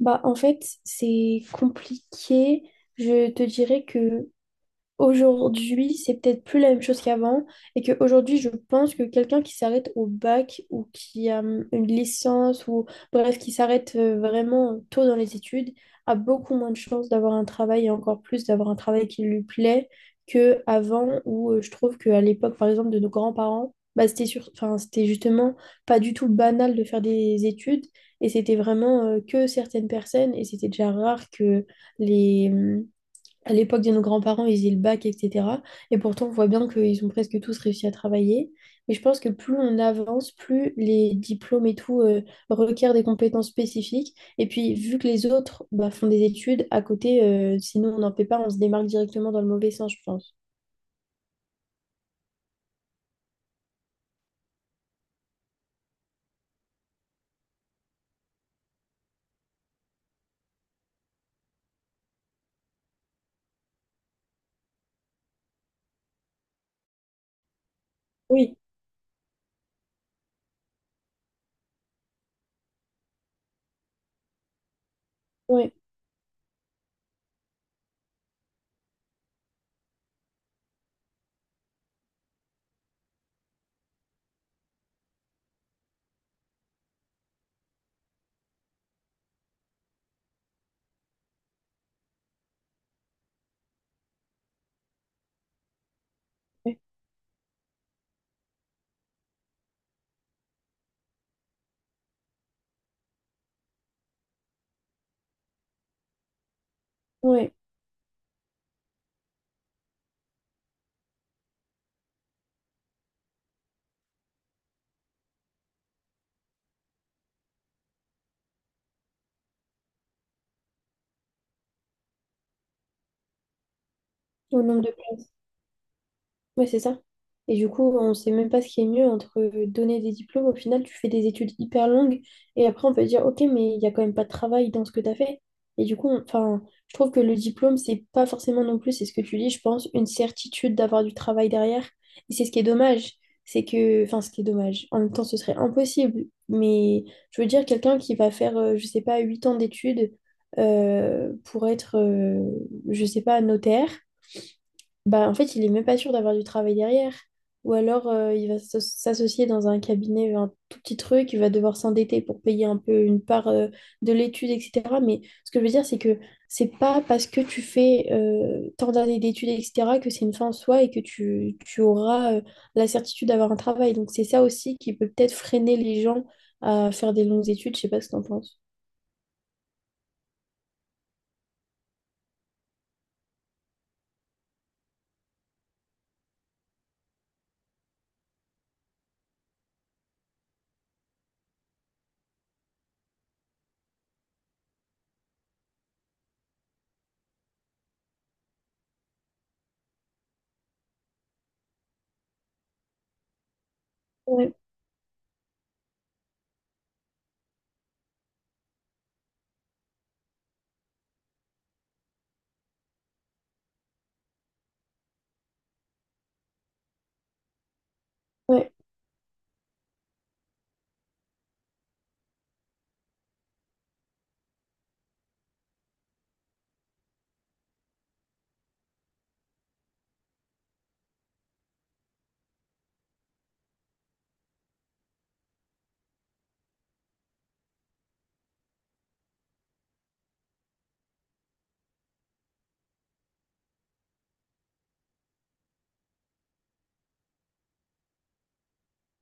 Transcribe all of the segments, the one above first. Bah, en fait, c'est compliqué. Je te dirais que aujourd'hui, c'est peut-être plus la même chose qu'avant et qu'aujourd'hui, je pense que quelqu'un qui s'arrête au bac ou qui a une licence ou bref, qui s'arrête vraiment tôt dans les études, a beaucoup moins de chances d'avoir un travail et encore plus d'avoir un travail qui lui plaît que avant où je trouve qu'à l'époque, par exemple, de nos grands-parents, bah, c'était enfin, c'était justement pas du tout banal de faire des études et c'était vraiment que certaines personnes et c'était déjà rare que les à l'époque de nos grands-parents, ils avaient le bac, etc. Et pourtant, on voit bien qu'ils ont presque tous réussi à travailler. Mais je pense que plus on avance, plus les diplômes et tout requièrent des compétences spécifiques. Et puis, vu que les autres bah, font des études à côté, si nous, on n'en fait pas, on se démarque directement dans le mauvais sens, je pense. Oui, oui, oui. Ouais, au nombre de places. Ouais, c'est ça. Et du coup, on sait même pas ce qui est mieux entre donner des diplômes. Au final, tu fais des études hyper longues et après, on peut dire, OK, mais il y a quand même pas de travail dans ce que tu as fait. Et du coup, enfin, je trouve que le diplôme, c'est pas forcément non plus, c'est ce que tu dis, je pense, une certitude d'avoir du travail derrière. Et c'est ce qui est dommage. C'est que, enfin, ce qui est dommage. En même temps, ce serait impossible. Mais je veux dire, quelqu'un qui va faire, je sais pas, 8 ans d'études pour être, je sais pas, notaire. Bah, en fait, il est même pas sûr d'avoir du travail derrière. Ou alors, il va s'associer dans un cabinet, vers un tout petit truc, il va devoir s'endetter pour payer un peu une part de l'étude, etc. Mais ce que je veux dire, c'est que c'est pas parce que tu fais tant d'années d'études, etc., que c'est une fin en soi et que tu auras la certitude d'avoir un travail. Donc, c'est ça aussi qui peut peut-être freiner les gens à faire des longues études. Je sais pas ce que t'en penses. Ouais, ouais,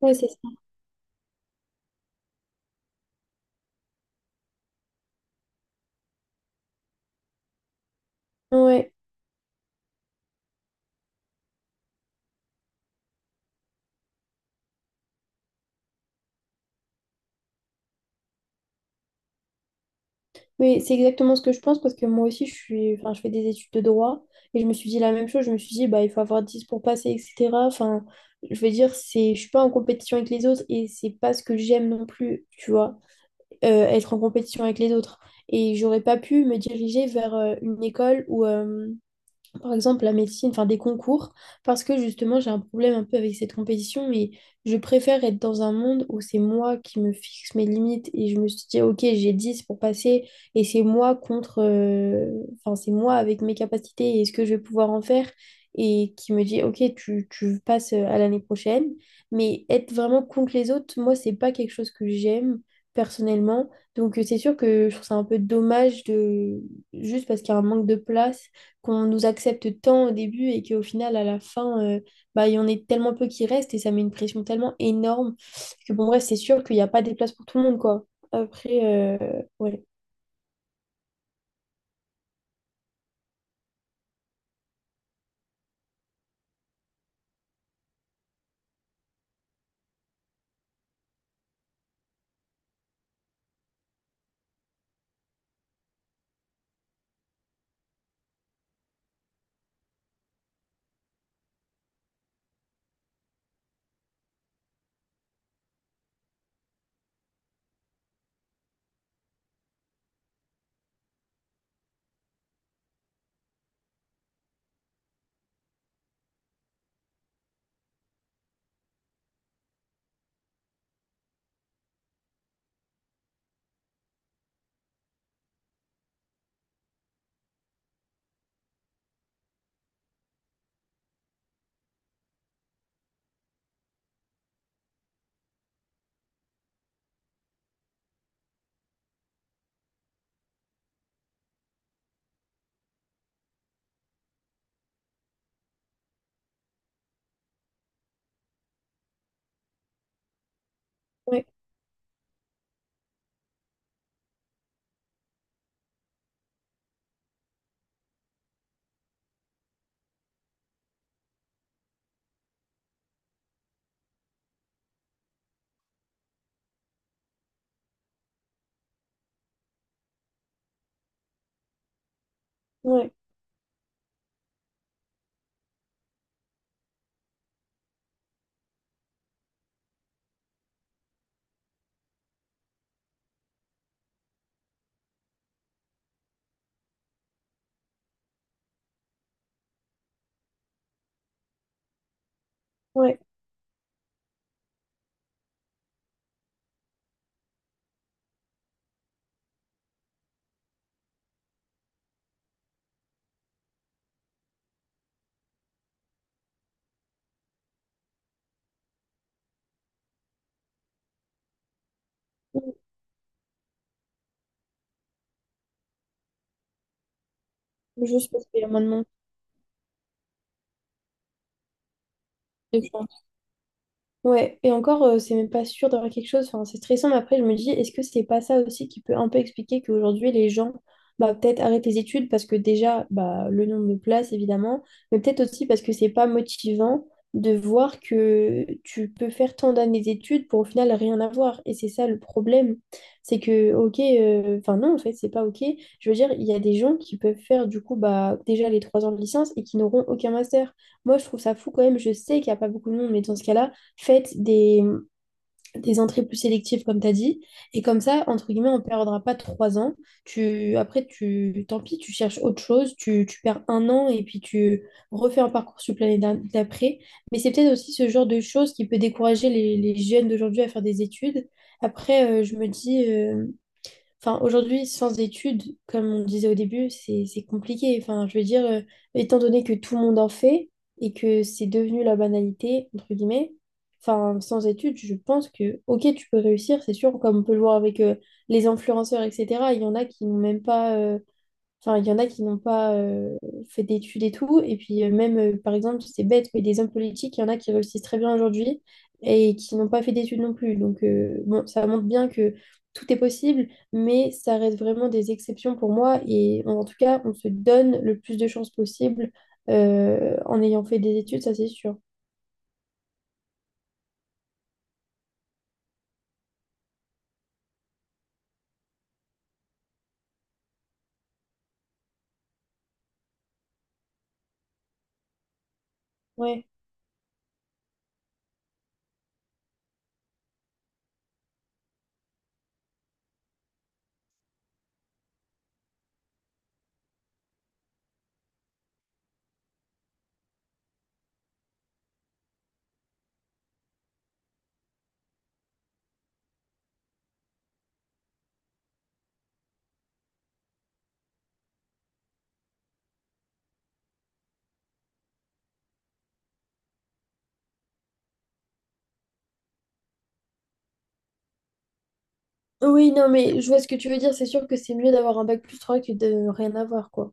ouais, c'est ça. Ouais. Oui, c'est exactement ce que je pense parce que moi aussi, je suis, enfin, je fais des études de droit et je me suis dit la même chose. Je me suis dit, bah, il faut avoir 10 pour passer, etc. Enfin, je veux dire, c'est, je suis pas en compétition avec les autres et c'est pas ce que j'aime non plus, tu vois, être en compétition avec les autres. Et j'aurais pas pu me diriger vers une école où, par exemple la médecine, enfin des concours, parce que justement j'ai un problème un peu avec cette compétition, mais je préfère être dans un monde où c'est moi qui me fixe mes limites et je me suis dit, ok, j'ai 10 pour passer et c'est moi contre, enfin c'est moi avec mes capacités et ce que je vais pouvoir en faire et qui me dit, ok, tu passes à l'année prochaine, mais être vraiment contre les autres, moi c'est pas quelque chose que j'aime personnellement, donc c'est sûr que je trouve ça un peu dommage de juste parce qu'il y a un manque de place qu'on nous accepte tant au début et qu'au final, à la fin, bah, il y en est tellement peu qui restent et ça met une pression tellement énorme que bon, bref, c'est sûr qu'il n'y a pas des places pour tout le monde, quoi. Après, ouais, ouais, ouais, ouais. Je pense qu'il y a moins de monde. Ouais, et encore, c'est même pas sûr d'avoir quelque chose. Enfin, c'est stressant, mais après, je me dis, est-ce que c'est pas ça aussi qui peut un peu expliquer qu'aujourd'hui, les gens, bah, peut-être arrêtent les études parce que déjà, bah, le nombre de places, évidemment, mais peut-être aussi parce que c'est pas motivant de voir que tu peux faire tant d'années d'études pour au final rien avoir. Et c'est ça le problème. C'est que, ok, enfin, non, en fait, c'est pas ok. Je veux dire, il y a des gens qui peuvent faire, du coup, bah, déjà les 3 ans de licence et qui n'auront aucun master. Moi, je trouve ça fou quand même. Je sais qu'il n'y a pas beaucoup de monde, mais dans ce cas-là, faites des entrées plus sélectives, comme tu as dit. Et comme ça, entre guillemets, on ne perdra pas 3 ans. Après, tant pis, tu cherches autre chose, tu perds un an et puis tu refais un parcours sur l'année d'après. Mais c'est peut-être aussi ce genre de choses qui peut décourager les jeunes d'aujourd'hui à faire des études. Après, je me dis, enfin, aujourd'hui, sans études, comme on disait au début, c'est compliqué. Enfin, je veux dire, étant donné que tout le monde en fait et que c'est devenu la banalité, entre guillemets, enfin, sans études, je pense que, ok, tu peux réussir, c'est sûr, comme on peut le voir avec les influenceurs, etc. Il y en a qui n'ont même pas enfin, il y en a qui n'ont pas fait d'études et tout. Et puis même, par exemple, c'est bête, mais des hommes politiques, il y en a qui réussissent très bien aujourd'hui et qui n'ont pas fait d'études non plus. Donc bon, ça montre bien que tout est possible, mais ça reste vraiment des exceptions pour moi. Et en tout cas, on se donne le plus de chances possible en ayant fait des études, ça c'est sûr. Ouais. Oui, non, mais je vois ce que tu veux dire. C'est sûr que c'est mieux d'avoir un bac plus 3 que de rien avoir, quoi.